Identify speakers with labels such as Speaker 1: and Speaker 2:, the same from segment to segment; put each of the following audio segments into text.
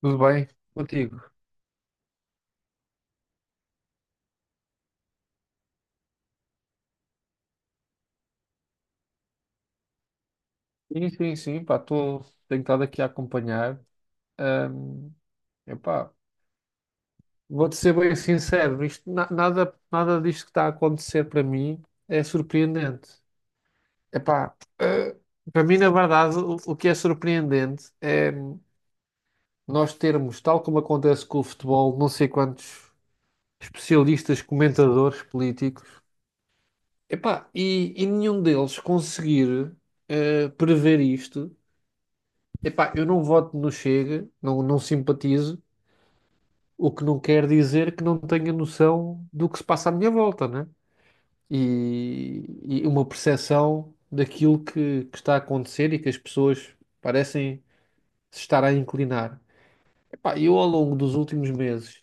Speaker 1: Tudo bem contigo? Sim, sim, sim, pá, estou tentado aqui a acompanhar. Ahm, epá, vou-te ser bem sincero, isto, nada disto que está a acontecer para mim é surpreendente. Epá, para mim, na verdade, o que é surpreendente é nós termos, tal como acontece com o futebol, não sei quantos especialistas, comentadores políticos, epá, e nenhum deles conseguir prever isto. Epá, eu não voto no Chega, não simpatizo, o que não quer dizer que não tenha noção do que se passa à minha volta, né? E, e uma percepção daquilo que está a acontecer e que as pessoas parecem se estar a inclinar. Epá, eu ao longo dos últimos meses,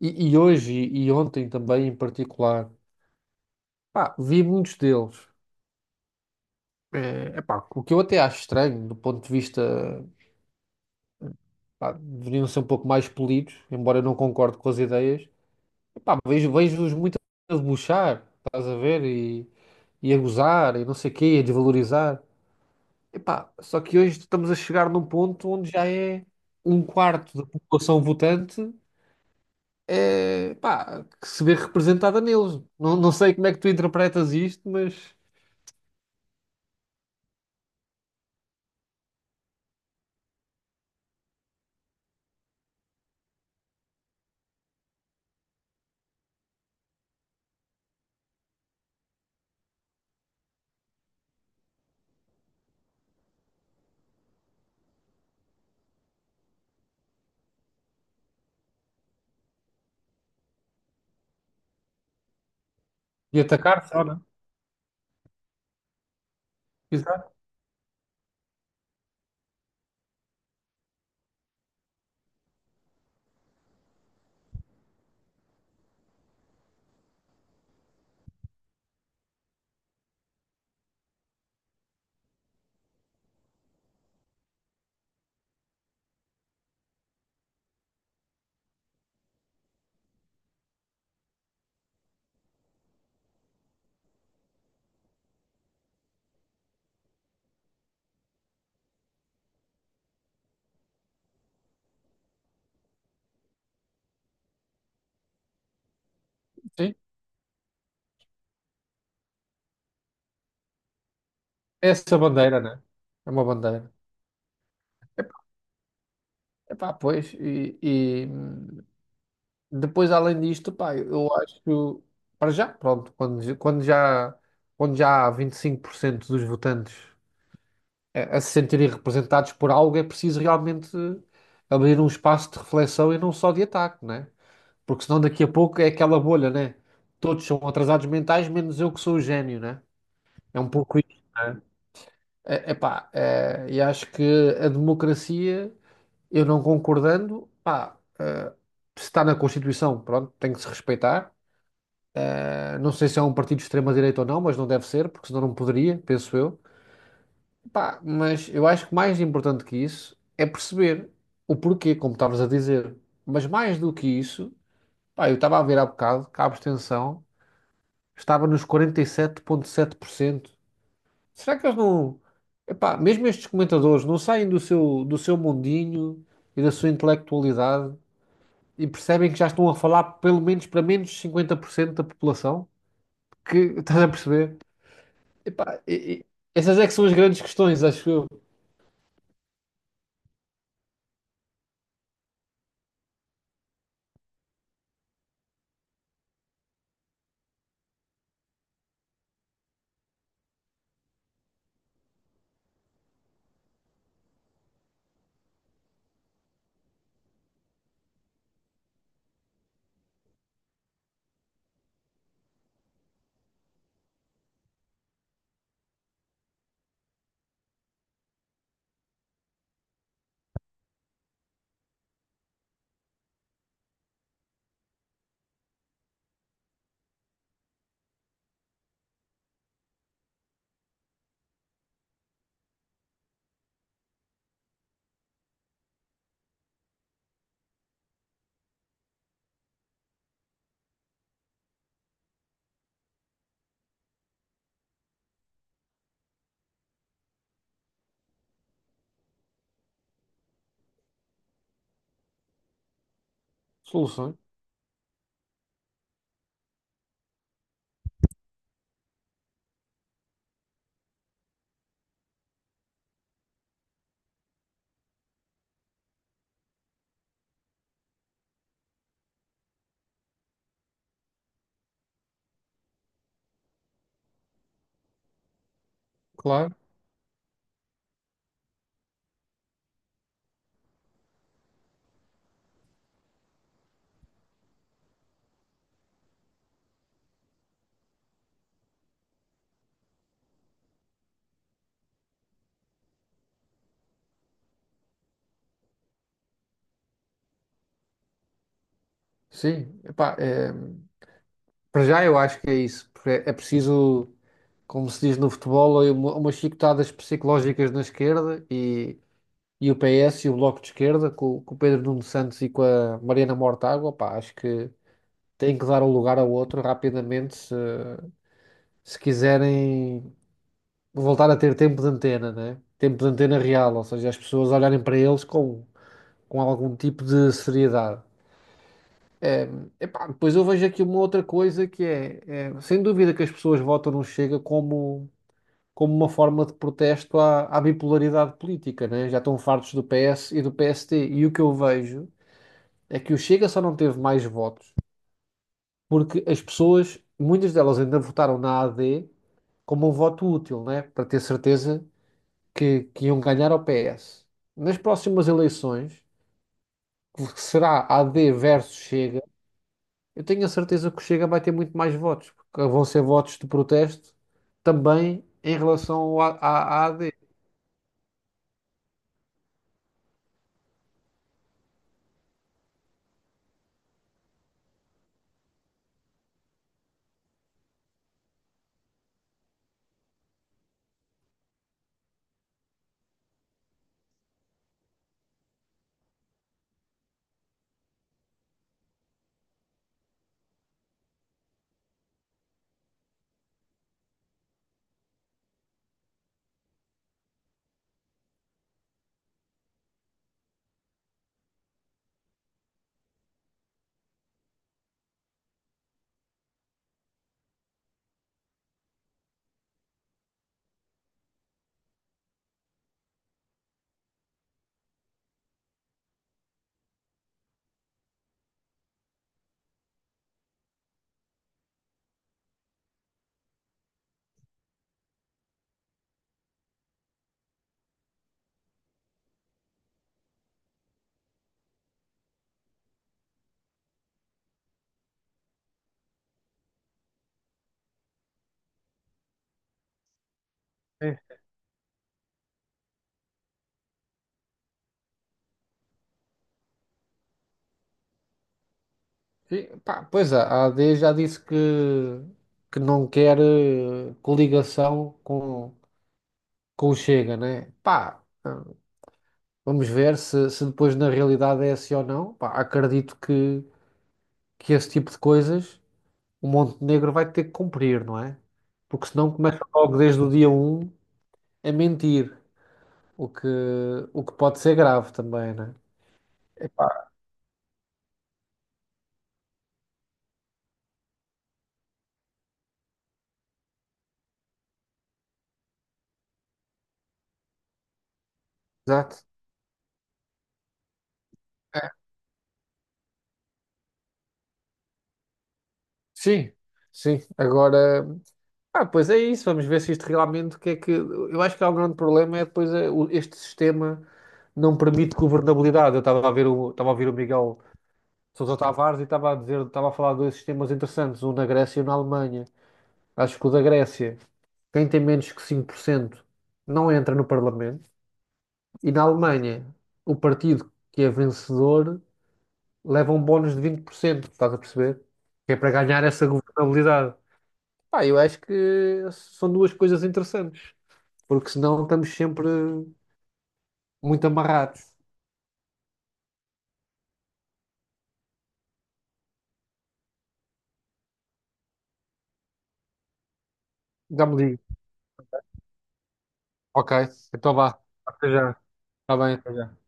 Speaker 1: e hoje e, ontem também em particular, pá, vi muitos deles. Epá, o que eu até acho estranho do ponto de vista, pá, deveriam ser um pouco mais polidos, embora eu não concorde com as ideias. Pá, vejo-os muito a debochar, estás a ver? E a gozar, e não sei o quê, a desvalorizar. Epá, só que hoje estamos a chegar num ponto onde já é um quarto da população votante é, pá, que se vê representada neles. Não sei como é que tu interpretas isto, mas. E atacar só, não. Exato, sim. É, essa bandeira, né? É uma bandeira. Epá, pois, depois, além disto, pá, eu acho, para já, pronto, quando já há 25% dos votantes a se sentirem representados por algo, é preciso realmente abrir um espaço de reflexão e não só de ataque, né? Porque senão daqui a pouco é aquela bolha, né? Todos são atrasados mentais, menos eu que sou o gênio, né? É um pouco isso, né? É, epá, é, e acho que a democracia, eu não concordando, pá, se está na Constituição, pronto, tem que se respeitar. Não sei se é um partido de extrema-direita ou não, mas não deve ser, porque senão não poderia, penso eu. Pá, mas eu acho que mais importante que isso é perceber o porquê, como estavas a dizer. Mas mais do que isso, pá, eu estava a ver há bocado que a abstenção estava nos 47,7%. Será que eles não. Epá, mesmo estes comentadores não saem do seu mundinho e da sua intelectualidade e percebem que já estão a falar pelo menos para menos de 50% da população? Que, estás a perceber? Epá, essas é que são as grandes questões, acho eu. Soluções, claro. Sim, epá, é, para já eu acho que é isso. Porque é preciso, como se diz no futebol, umas chicotadas psicológicas na esquerda e o PS e o Bloco de Esquerda, com o Pedro Nuno Santos e com a Mariana Mortágua, pá, acho que têm que dar um lugar ao outro rapidamente se quiserem voltar a ter tempo de antena, né? Tempo de antena real, ou seja, as pessoas olharem para eles como com algum tipo de seriedade. Eh, epá, depois eu vejo aqui uma outra coisa que é, sem dúvida que as pessoas votam no Chega como uma forma de protesto à bipolaridade política, né? Já estão fartos do PS e do PST. E o que eu vejo é que o Chega só não teve mais votos porque as pessoas, muitas delas ainda votaram na AD como um voto útil, né? Para ter certeza que iam ganhar ao PS. Nas próximas eleições, que será AD versus Chega. Eu tenho a certeza que o Chega vai ter muito mais votos, porque vão ser votos de protesto também em relação ao à AD. É. Sim, pá, pois é, a AD já disse que não quer coligação com o Chega, né? Pá, vamos ver se depois na realidade é assim ou não. Pá, acredito que esse tipo de coisas o Montenegro vai ter que cumprir, não é? Porque senão começa logo desde o dia um a mentir. O que, o que pode ser grave também, né? Epá, exato. É. Sim, sim. Agora, ah, pois é isso. Vamos ver se isto realmente o que é que. Eu acho que há um grande problema é depois é, este sistema não permite governabilidade. Eu estava a ouvir o Miguel Sousa Tavares e estava a falar de dois sistemas interessantes, um na Grécia e um na Alemanha. Acho que o da Grécia, quem tem menos que 5% não entra no Parlamento, e na Alemanha, o partido que é vencedor leva um bónus de 20%, estás a perceber? Que é para ganhar essa governabilidade. Pá, eu acho que são duas coisas interessantes, porque senão estamos sempre muito amarrados. Já me digo. Ok, então vá. Até já. Está bem. Até já.